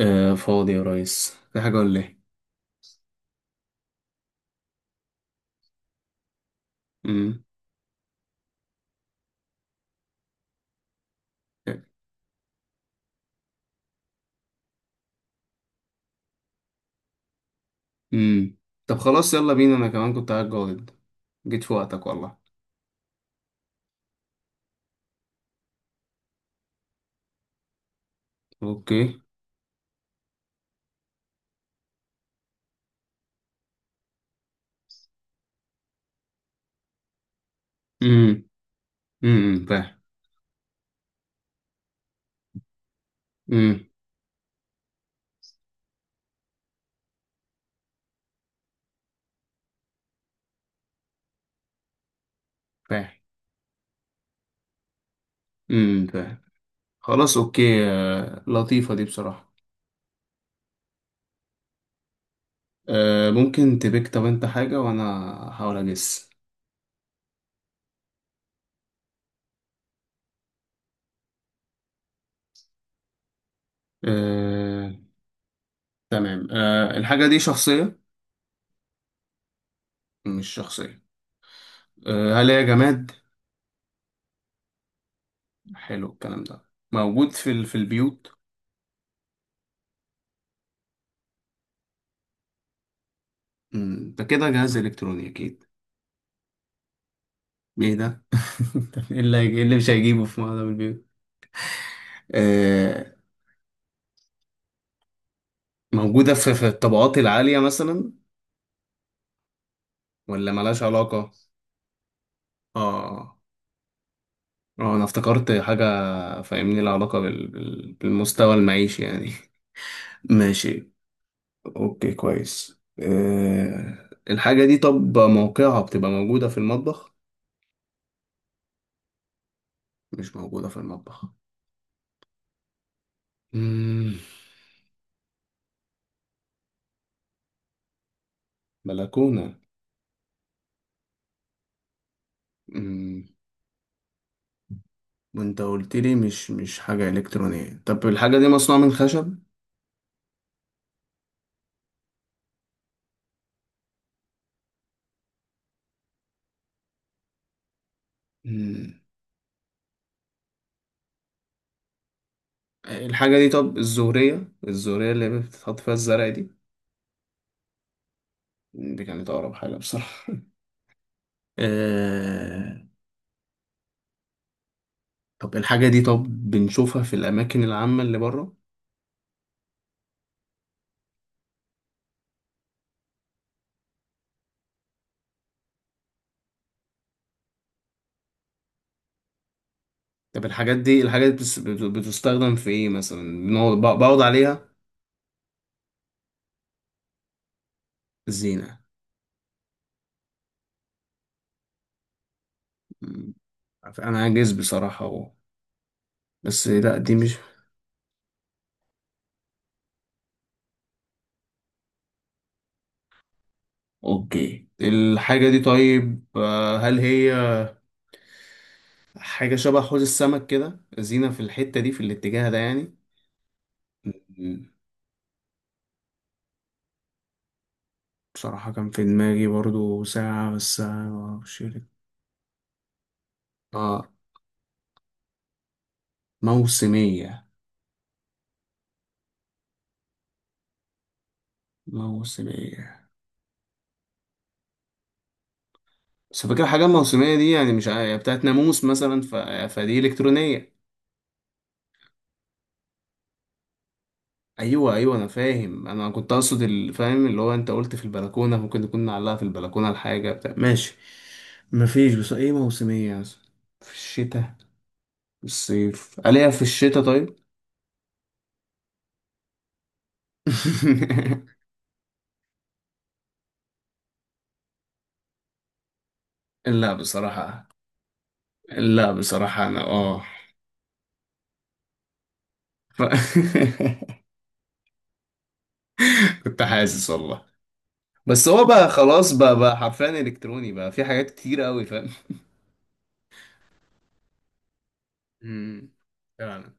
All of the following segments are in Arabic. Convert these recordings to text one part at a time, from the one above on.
آه، فاضي يا ريس، في حاجة ولا ايه؟ امم امم طب، خلاص، يلا بينا، انا كمان كنت قاعد جاهد. جيت في وقتك والله. اوكي. امم فاهم. امم فاهم. فاهم. خلاص، اوكي. آه، لطيفة دي بصراحة. آه، ممكن تبيك، طب انت حاجة وانا هحاول اجس. آه، تمام. آه، الحاجة دي شخصية؟ مش شخصية. آه، هل هي جماد؟ حلو الكلام ده. موجود في البيوت. ده كده جهاز إلكتروني أكيد. ايه ده؟ طب، إيه اللي مش هيجيبه في معظم البيوت؟ آه، موجودة في الطبقات العالية مثلا. ولا ملهاش علاقة؟ اه، اه، انا افتكرت حاجة. فاهمني، لها علاقة بالمستوى المعيشي يعني. ماشي. اوكي، كويس. آه، الحاجة دي، طب موقعها بتبقى موجودة في المطبخ؟ مش موجودة في المطبخ. مم. بلكونة. مم. وانت قلت لي مش حاجة إلكترونية. طب الحاجة دي مصنوعة من خشب؟ مم. الحاجة دي، طب الزورية اللي بتتحط فيها الزرع دي؟ دي كانت أقرب حاجة بصراحة. آه... طب الحاجة دي، طب بنشوفها في الأماكن العامة اللي بره؟ طب الحاجات دي بتستخدم في إيه مثلا؟ بنقعد، بقعد عليها؟ زينة. مم. أنا عاجز بصراحة أهو. بس لا، دي مش. أوكي، الحاجة دي، طيب هل هي حاجة شبه حوض السمك كده، زينة في الحتة دي في الاتجاه ده يعني؟ بصراحة كان في دماغي برضو ساعة، بس معرفش ليه. اه، موسمية، موسمية. بس، فاكر حاجة موسمية دي يعني، مش بتاعت ناموس مثلا. فدي إلكترونية. أيوة، أيوة، أنا فاهم. أنا كنت أقصد فاهم اللي هو أنت قلت في البلكونة ممكن تكون نعلقها في البلكونة، الحاجة بتاع، ماشي. مفيش، بس إيه موسمية مثلا؟ في الشتاء؟ في الصيف ألاقيها؟ في الشتاء؟ طيب. لا بصراحة، لا بصراحة، أنا. ف... كنت حاسس والله. بس هو بقى خلاص، بقى حرفيا الكتروني، بقى في حاجات كتير قوي، فاهم. امم فعلا.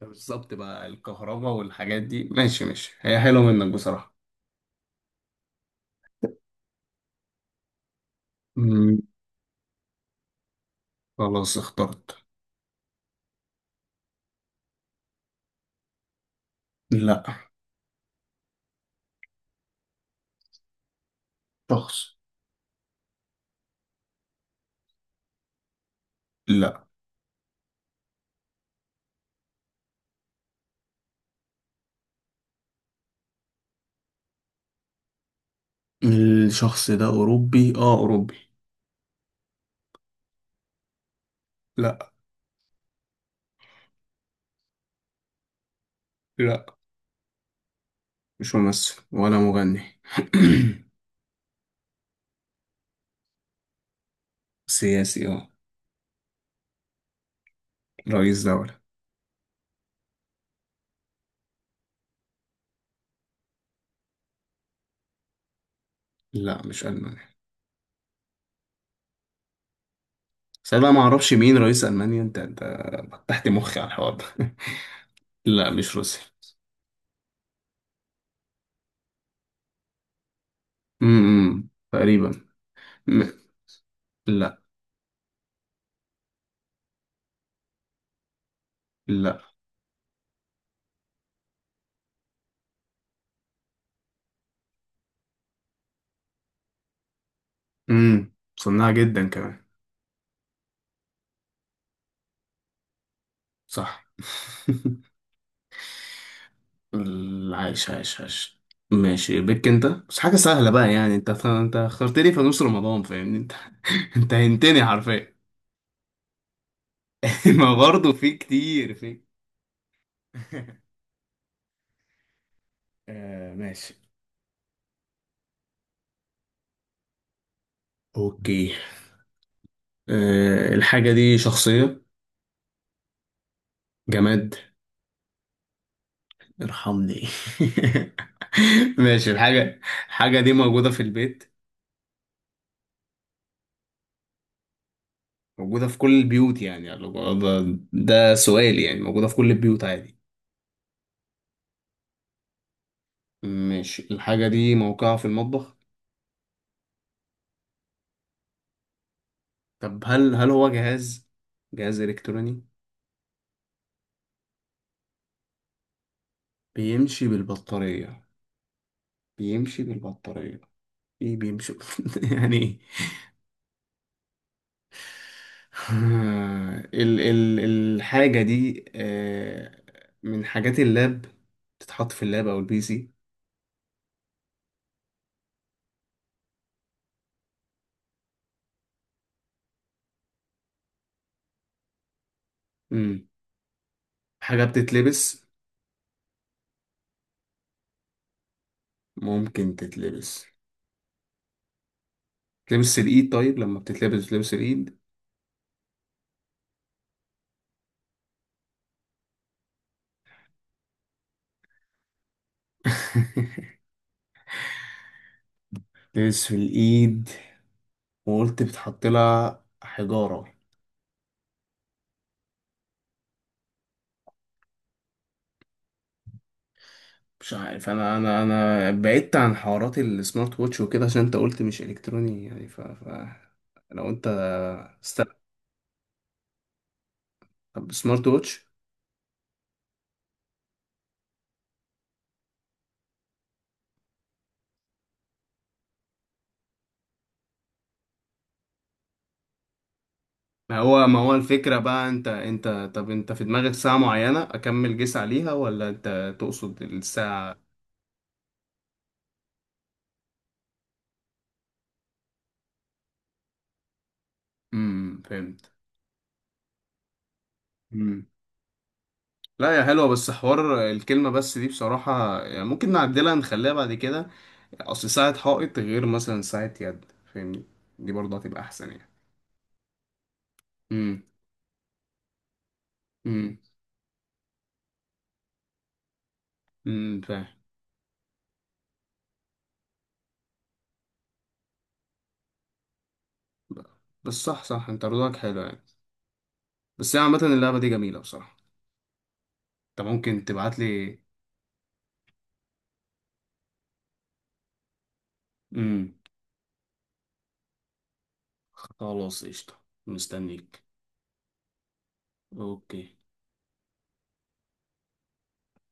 بالظبط بقى الكهرباء والحاجات دي، ماشي، ماشي، هي حلوة منك بصراحة. مم، خلاص، اخترت. لا. شخص. لا. الشخص ده أوروبي، اه، أوروبي. لا، لا، مش ممثل ولا مغني. سياسي، اه، رئيس دولة. لا، مش ألمانيا. بس أنا بقى معرفش مين رئيس ألمانيا، انت فتحت مخي على الحوار ده. لا، مش روسيا. تقريبا. م- لا. لا. امم صناعة جدا كمان. صح. عايش، عايش، عايش. ماشي بك، انت بس حاجة سهلة بقى يعني، انت اخترت لي في نص رمضان، فاهمني انت. انت هنتني حرفيا. ما برضه في كتير في. آه، ماشي. اوكي. آه، الحاجة دي شخصية؟ جماد؟ ارحمني. ماشي، الحاجة. الحاجة دي موجودة في البيت. موجودة في كل البيوت يعني؟ ده ده سؤال يعني، موجودة في كل البيوت عادي؟ ماشي، الحاجة دي موقعها في المطبخ؟ طب هل هو جهاز إلكتروني؟ بيمشي بالبطارية؟ بيمشي بالبطارية؟ ايه بيمشي؟ يعني ايه؟ آه، ال ال الحاجة دي، من حاجات اللاب، بتتحط في اللاب او البي سي. مم. حاجة بتتلبس؟ ممكن تتلبس، تلبس الايد. طيب لما بتتلبس، بتلبس الايد؟ تلبس في الايد. وقلت بتحط لها حجارة. مش عارف. انا بعدت عن حوارات السمارت ووتش وكده، عشان انت قلت مش الكتروني يعني. لو انت، استنى. طب سمارت ووتش؟ ما هو الفكرة بقى، انت. طب انت في دماغك ساعة معينة، اكمل جيس عليها، ولا انت تقصد الساعة؟ فهمت. لا، يا حلوة، بس حوار الكلمة بس دي بصراحة يعني ممكن نعدلها نخليها بعد كده. أصل ساعة حائط غير مثلا ساعة يد. فاهمني. دي برضه هتبقى أحسن يعني. امم امم فاهم. بس، صح، صح، أنت ردودك حلوة يعني. بس هي عامة، اللعبة دي جميلة بصراحة. أنت ممكن تبعت لي. امم خلاص، قشطة. مستنيك. أوكي.